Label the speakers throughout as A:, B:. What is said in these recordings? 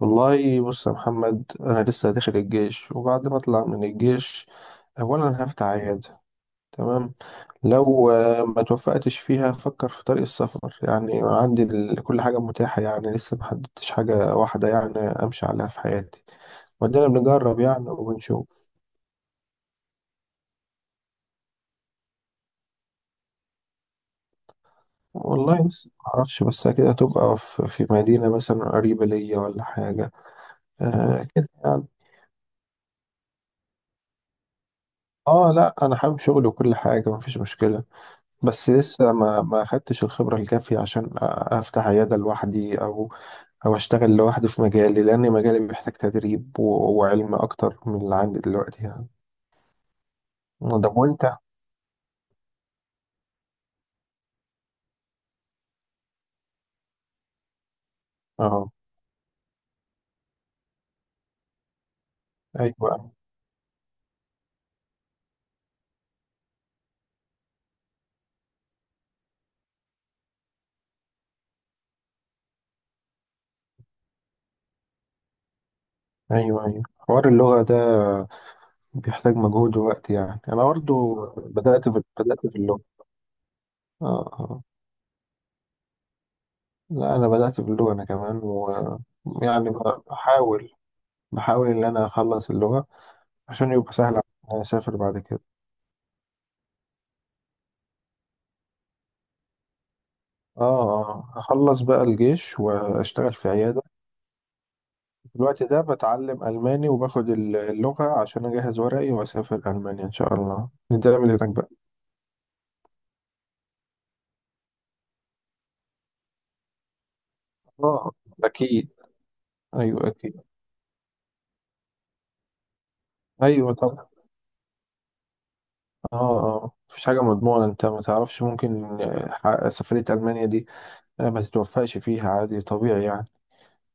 A: والله بص يا محمد، انا لسه داخل الجيش وبعد ما اطلع من الجيش اولا هفتح عياده. تمام. لو ما توفقتش فيها افكر في طريق السفر، يعني عندي كل حاجه متاحه، يعني لسه ما حددتش حاجه واحده يعني امشي عليها في حياتي. ودينا بنجرب يعني وبنشوف. والله لسه ما اعرفش، بس كده تبقى في مدينه مثلا قريبه ليا ولا حاجه. آه كده يعني. اه لا، انا حابب شغلي وكل حاجه، مفيش مشكله. بس لسه ما خدتش الخبرة الكافية عشان أفتح عيادة لوحدي، أو أشتغل لوحدي في مجالي، لأن مجالي محتاج تدريب وعلم أكتر من اللي عندي دلوقتي يعني. ده وأنت؟ أه. أيوه، أيوه، أيوه، حوار اللغة ده بيحتاج مجهود ووقت، يعني أنا برضه بدأت في اللغة. أه، أه، لا أنا بدأت في اللغة أنا كمان. ويعني، بحاول بحاول إن أنا أخلص اللغة عشان يبقى سهل عليا إن أنا أسافر بعد كده. اه، اه، اخلص بقى الجيش واشتغل في عيادة. في الوقت ده بتعلم الماني وباخد اللغة عشان اجهز ورقي واسافر المانيا ان شاء الله، نتعامل هناك بقى. اه اكيد. ايوه اكيد. ايوه طبعا. اه، اه، مفيش حاجة مضمونة، انت ما تعرفش، ممكن سفرية المانيا دي ما تتوفقش فيها، عادي طبيعي يعني.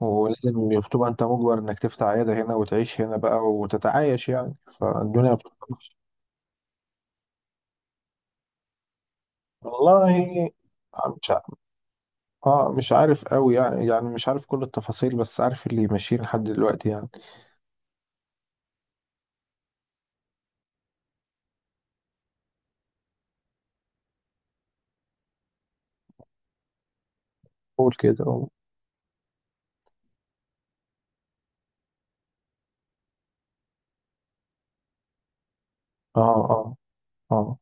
A: ولازم بتبقى انت مجبر انك تفتح عيادة هنا وتعيش هنا بقى وتتعايش يعني. فالدنيا بتطلعش. والله مش اه مش عارف قوي يعني مش عارف كل التفاصيل، بس عارف اللي ماشيين لحد دلوقتي يعني. قول كده، قول. اه، اه، اه،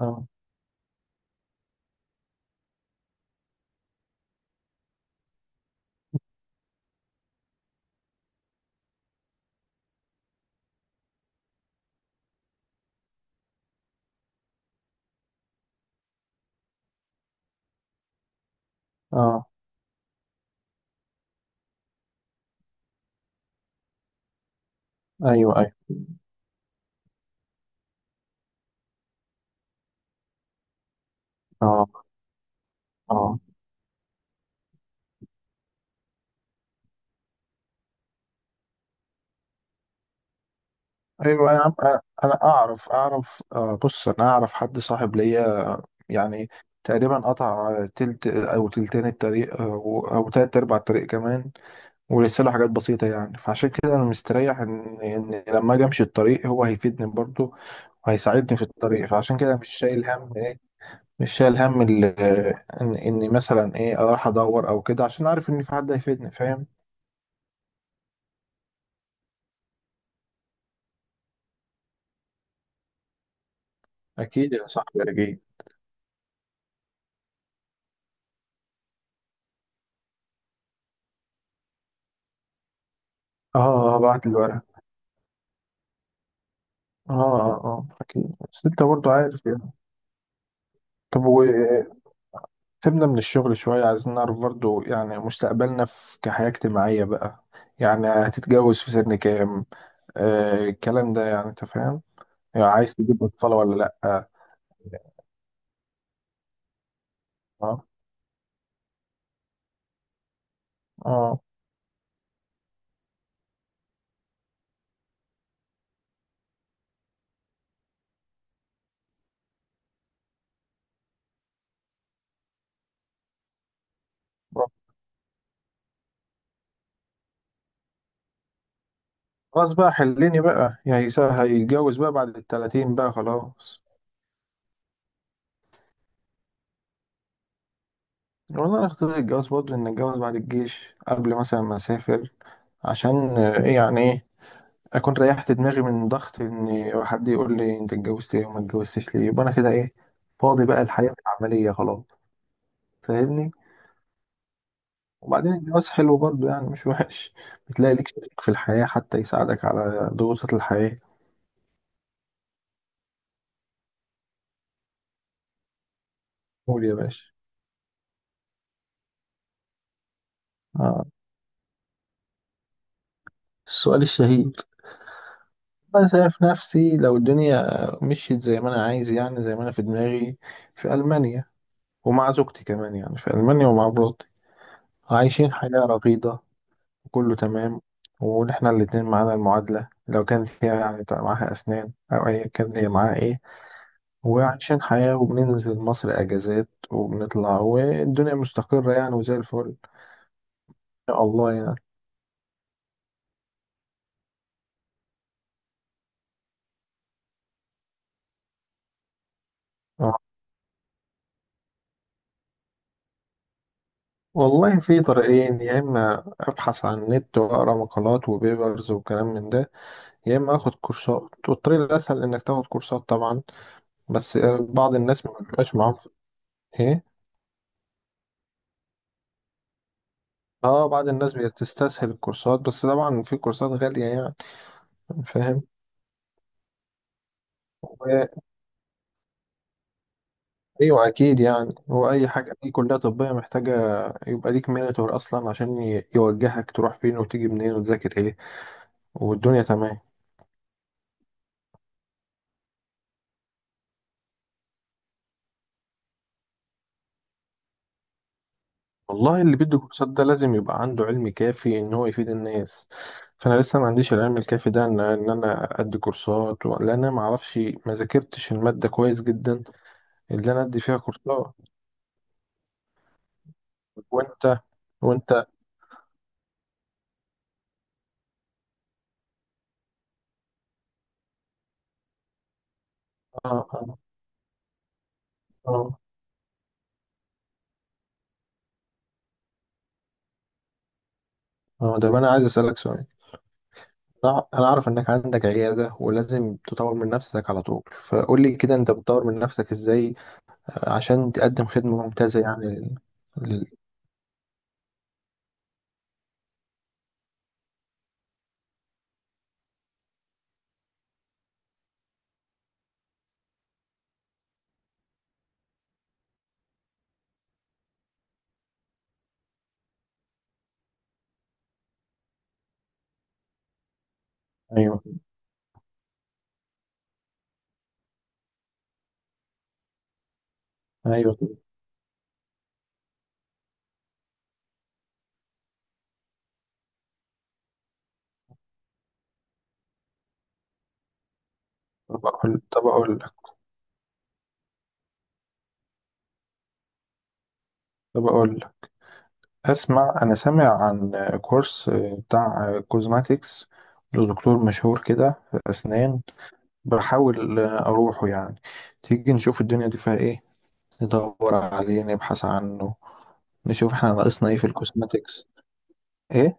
A: اه، اه، ايوه، ايوه، اه، اه، ايوه يا عم، انا اعرف بص، انا اعرف حد صاحب ليا، يعني تقريبا قطع تلت او تلتين الطريق او تلت ارباع الطريق كمان، ولسه له حاجات بسيطه يعني. فعشان كده انا مستريح ان لما اجي امشي الطريق هو هيفيدني برضه وهيساعدني في الطريق، فعشان كده مش شايل هم ايه. مش شايل هم ان اني مثلا ايه اروح ادور او كده، عشان عارف ان في حد هيفيدني، فاهم. اكيد يا صاحبي اكيد. اه، اه، بعت الورق، اه. اه، اه، اكيد. بس انت برضه عارف يعني. طب وسيبنا من الشغل شويه، عايزين نعرف برضه يعني مستقبلنا في كحياه اجتماعيه بقى. يعني هتتجوز في سن كام؟ الكلام ده يعني انت فاهم، يعني عايز تجيب اطفال ولا لا. اه. اه. آه. خلاص بقى حليني بقى، يعني هيتجوز بقى بعد الـ30 بقى، خلاص. والله انا اخترت الجواز برضه ان اتجوز بعد الجيش قبل مثلا ما اسافر، عشان آه، ايه يعني ايه اكون ريحت دماغي من ضغط ان حد يقول لي انت اتجوزت ايه وما اتجوزتش ليه، يبقى انا كده ايه، فاضي بقى الحياة العملية، خلاص. فاهمني. وبعدين الجواز حلو برضه يعني، مش وحش، بتلاقي ليك شريك في الحياة حتى يساعدك على ضغوطات الحياة. قول يا باشا. آه. السؤال الشهير. انا شايف نفسي لو الدنيا مشيت زي ما انا عايز يعني، زي ما انا في دماغي، في المانيا، ومع زوجتي كمان يعني، في ألمانيا ومع مراتي، عايشين حياة رغيدة وكله تمام. ونحنا الاتنين معانا المعادلة، لو كانت هي يعني معاها أسنان أو أيا كان، هي معاها إيه، وعايشين حياة، وبننزل مصر أجازات وبنطلع، والدنيا مستقرة يعني، وزي الفل إن شاء الله يعني. آه. والله في طريقين، يا إما أبحث عن النت وأقرأ مقالات وبيبرز وكلام من ده، يا إما آخد كورسات، والطريق الأسهل إنك تاخد كورسات طبعا. بس بعض الناس ما بيبقاش معاهم إيه. اه، بعض الناس بتستسهل الكورسات، بس طبعا في كورسات غالية يعني، فاهم. و- ايوه اكيد يعني، هو اي حاجة، اي كلية طبية محتاجة يبقى ليك مينتور اصلا عشان يوجهك تروح فين وتيجي منين وتذاكر ايه، والدنيا تمام. والله اللي بيدي كورسات ده لازم يبقى عنده علم كافي ان هو يفيد الناس، فانا لسه ما عنديش العلم الكافي ده ان ان انا ادي كورسات لان انا ما اعرفش، ما ذاكرتش المادة كويس جدا اللي انا ادي فيها كورسات. وانت وانت. اه، اه، آه. اه، ده انا عايز اسالك سؤال. انا عارف انك عندك عياده ولازم تطور من نفسك على طول، فقول لي كده انت بتطور من نفسك ازاي عشان تقدم خدمه ممتازه يعني لل... ايوه، ايوه. طب اقول طب اقول لك طب اقول لك، اسمع. انا سامع عن كورس بتاع كوزماتيكس لدكتور مشهور كده في اسنان، بحاول اروحه يعني، تيجي نشوف الدنيا دي فيها ايه، ندور عليه نبحث عنه، نشوف احنا ناقصنا ايه في الكوزماتيكس. ايه.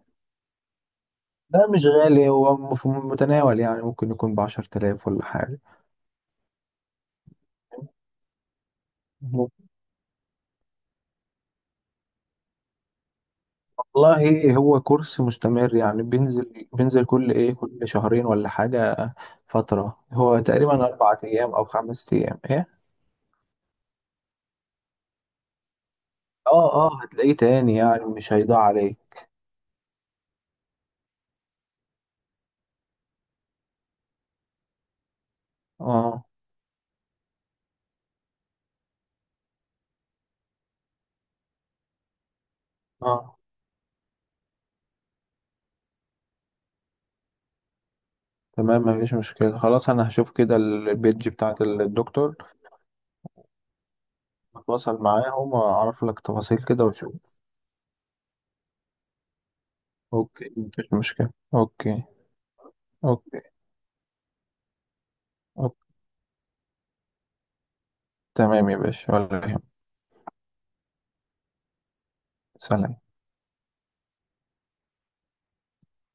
A: لا مش غالي، هو في المتناول يعني ممكن يكون بـ10 تلاف ولا حاجة. والله هو كورس مستمر يعني، بينزل كل ايه، كل شهرين ولا حاجة. فترة هو تقريبا 4 أيام أو 5 أيام، ايه. اه، اه، هتلاقيه تاني يعني، مش هيضيع عليه. اه، اه، تمام، مفيش مشكلة. خلاص أنا هشوف كده البيج بتاعت الدكتور، أتواصل معاهم وأعرف لك تفاصيل كده وأشوف. أوكي مفيش مشكلة. أوكي. أوكي. أوكي. تمام يا باشا، ولا يهمك. سلام.